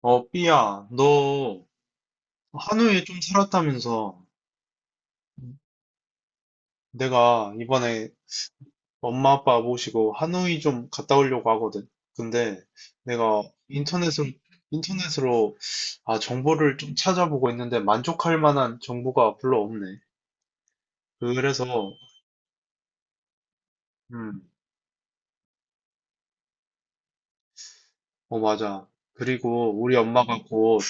삐야, 너 하노이에 좀 살았다면서. 내가 이번에 엄마 아빠 모시고 하노이 좀 갔다 오려고 하거든. 근데 내가 인터넷으로, 인터넷으로 정보를 좀 찾아보고 있는데 만족할 만한 정보가 별로 없네. 그래서. 음, 맞아. 그리고 우리 엄마가 곧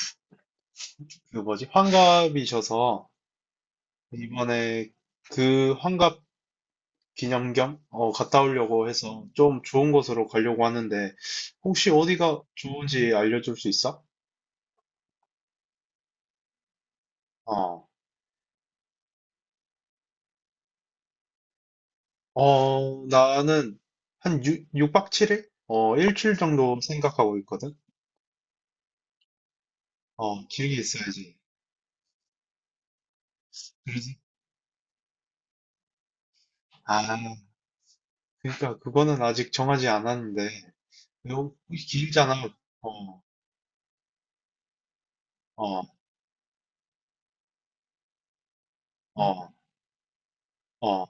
그 뭐지, 환갑이셔서 이번에 그 환갑 기념 겸 갔다 오려고 해서 좀 좋은 곳으로 가려고 하는데 혹시 어디가 좋은지 알려줄 수 있어? 어, 나는 한 육박칠일 일주일 정도 생각하고 있거든? 길게 있어야지. 그래서 아, 그러니까 그거는 아직 정하지 않았는데 이거 길잖아. 어. 어. 어. 어.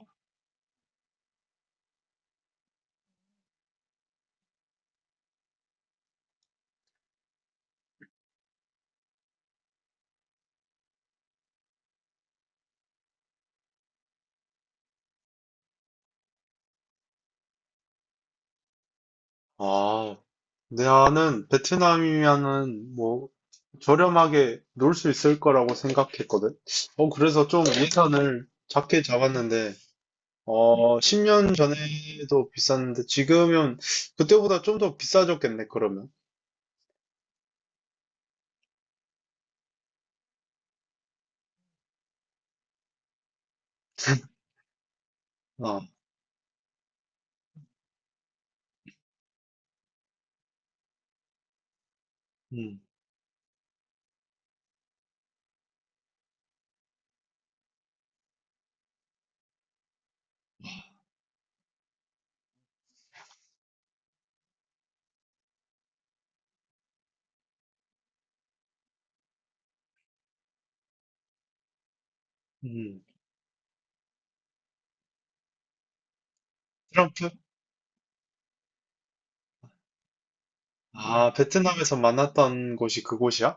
아. 나는 베트남이면은 뭐 저렴하게 놀 수 있을 거라고 생각했거든. 그래서 좀 예산을 작게 잡았는데, 10년 전에도 비쌌는데, 지금은 그때보다 좀 더 비싸졌겠네, 그러면. 아. 음. 음. 트럼프? 아, 베트남에서 만났던 곳이 그곳이야?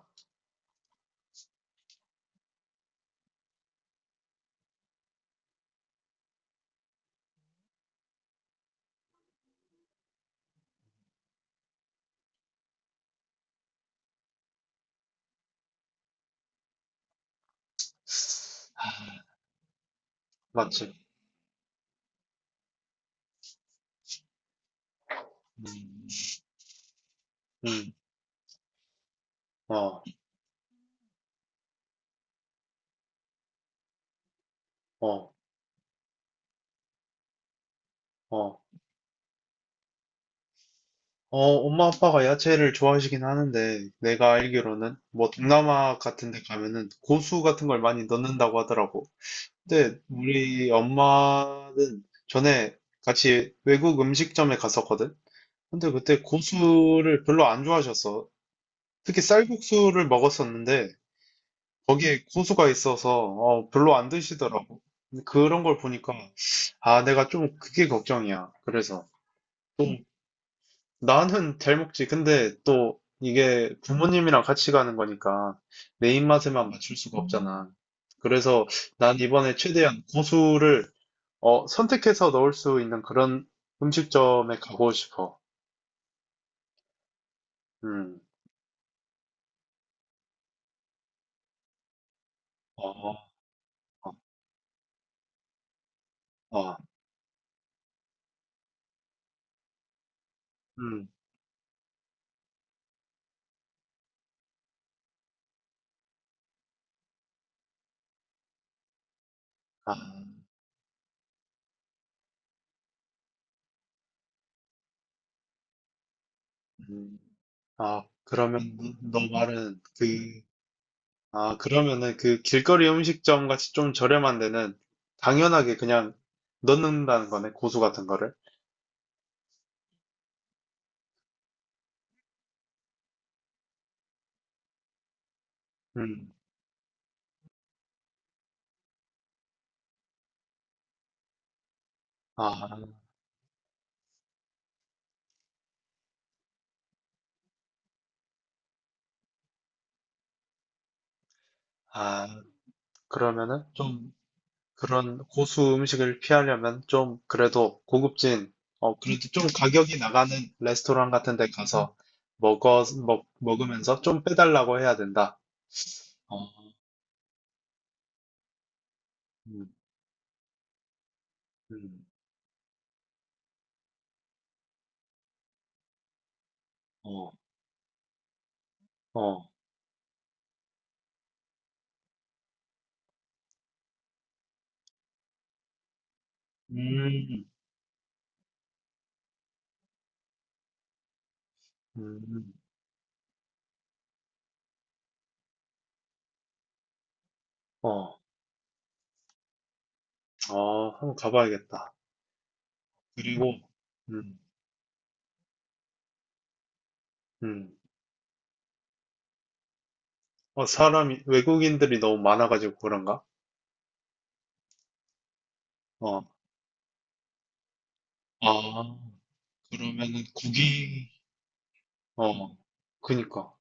맞지? 음. 음. 어. 어. 어. 어, 엄마 아빠가 야채를 좋아하시긴 하는데, 내가 알기로는, 뭐, 동남아 같은 데 가면은 고수 같은 걸 많이 넣는다고 하더라고. 근데 우리 엄마는 전에 같이 외국 음식점에 갔었거든? 근데 그때 고수를 별로 안 좋아하셨어. 특히 쌀국수를 먹었었는데, 거기에 고수가 있어서, 별로 안 드시더라고. 근데 그런 걸 보니까, 아, 내가 좀 그게 걱정이야. 그래서. 또 나는 잘 먹지. 근데 또 이게 부모님이랑 같이 가는 거니까 내 입맛에만 맞출 수가 없잖아. 그래서 난 이번에 최대한 고수를 선택해서 넣을 수 있는 그런 음식점에 가고 싶어. 음. 어. 어. 음. 아. 음. 아, 그러면 너 말은 그. 아, 그러면은 그 길거리 음식점 같이 좀 저렴한 데는 당연하게 그냥 넣는다는 거네, 고수 같은 거를. 음. 아. 아. 그러면은 좀 그런 고수 음식을 피하려면 좀 그래도 고급진. 그래도 좀 가격이 나가는 레스토랑 같은 데 가서 먹으면서 좀 빼달라고 해야 된다. 어. 음. 음. 어. 어. 음. 음. 어. 한번 가봐야겠다. 그리고. 음. 음. 외국인들이 너무 많아가지고 그런가? 어, 아, 그러면은 국이, 어, 그니까.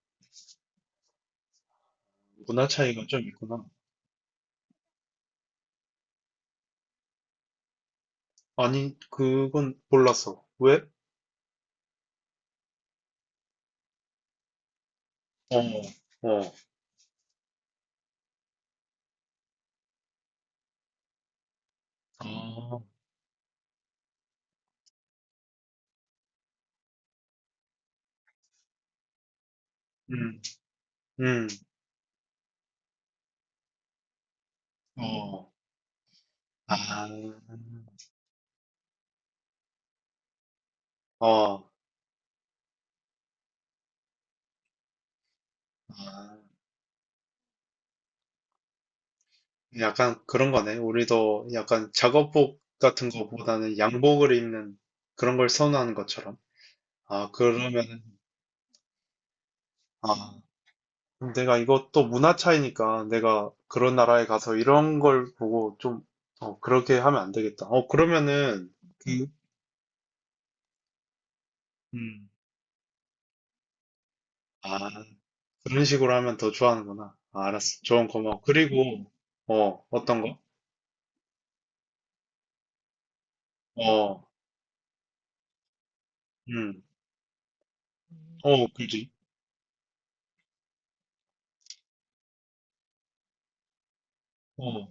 문화 차이가 좀 있구나. 아니, 그건 몰랐어. 왜? 어. 어. 어. 음. 음. 어. 아. 아. 어. 아. 약간 그런 거네. 우리도 약간 작업복 같은 거보다는 양복을 입는 그런 걸 선호하는 것처럼. 아, 그러면은. 아, 아, 내가 이것도 문화 차이니까 내가 그런 나라에 가서 이런 걸 보고 좀. 그렇게 하면 안 되겠다. 그러면은, 그. 음, 아, 그런 식으로 하면 더 좋아하는구나. 아, 알았어. 조언 고마워. 그리고, 어떤 거? 어. 음. 어. 그지. 어.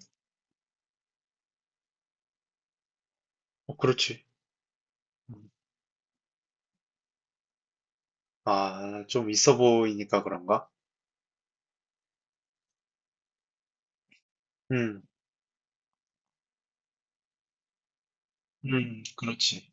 어. 그렇지. 음. 아, 좀 있어 보이니까 그런가? 음. 음. 그렇지.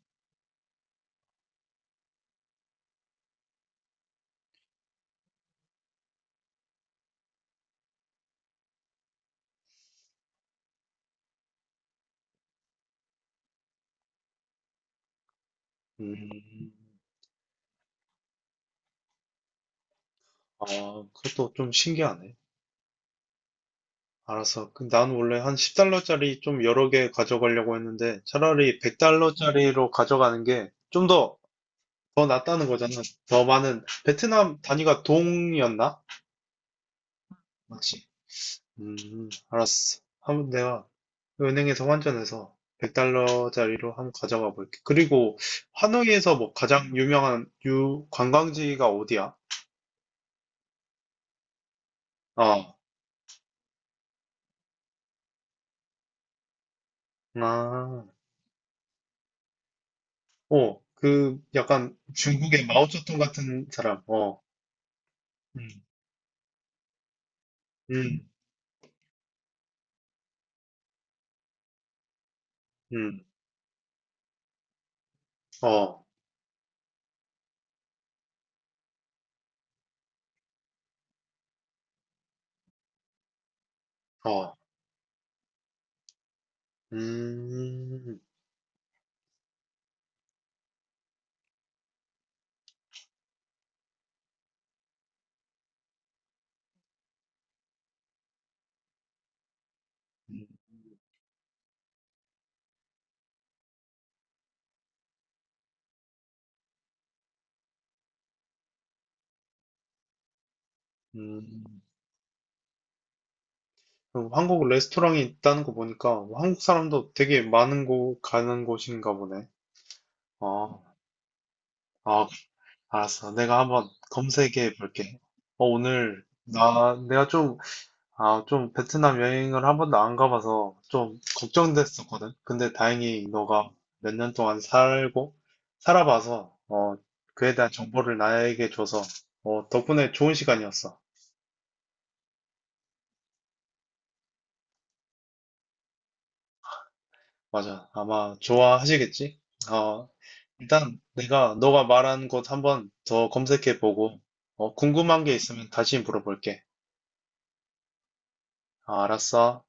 음, 아, 그것도 좀 신기하네. 알았어. 그, 난 원래 한 10달러짜리 좀 여러 개 가져가려고 했는데, 차라리 100달러짜리로 가져가는 게 좀 더 낫다는 거잖아. 더 많은, 베트남 단위가 동이었나? 맞지? 음, 알았어. 한번 내가 은행에서 환전해서 100달러짜리로 한번 가져가 볼게. 그리고 하노이에서 뭐 가장 유명한 유 관광지가 어디야? 어, 아, 그 약간 중국의 마오쩌둥 같은 사람. 어. 음. 음. 음. 어. 어. 음. 음. 음. 한국 레스토랑이 있다는 거 보니까 한국 사람도 되게 많은 곳 가는 곳인가 보네. 아, 아, 알았어. 내가 한번 검색해 볼게. 어, 오늘, 나, 내가 좀, 아, 좀 베트남 여행을 한 번도 안 가봐서 좀 걱정됐었거든. 근데 다행히 너가 몇 년 동안 살아봐서, 그에 대한 정보를 나에게 줘서, 덕분에 좋은 시간이었어. 맞아. 아마 좋아하시겠지? 어, 일단 내가 너가 말한 곳 한번 더 검색해 보고, 궁금한 게 있으면 다시 물어볼게. 아, 알았어.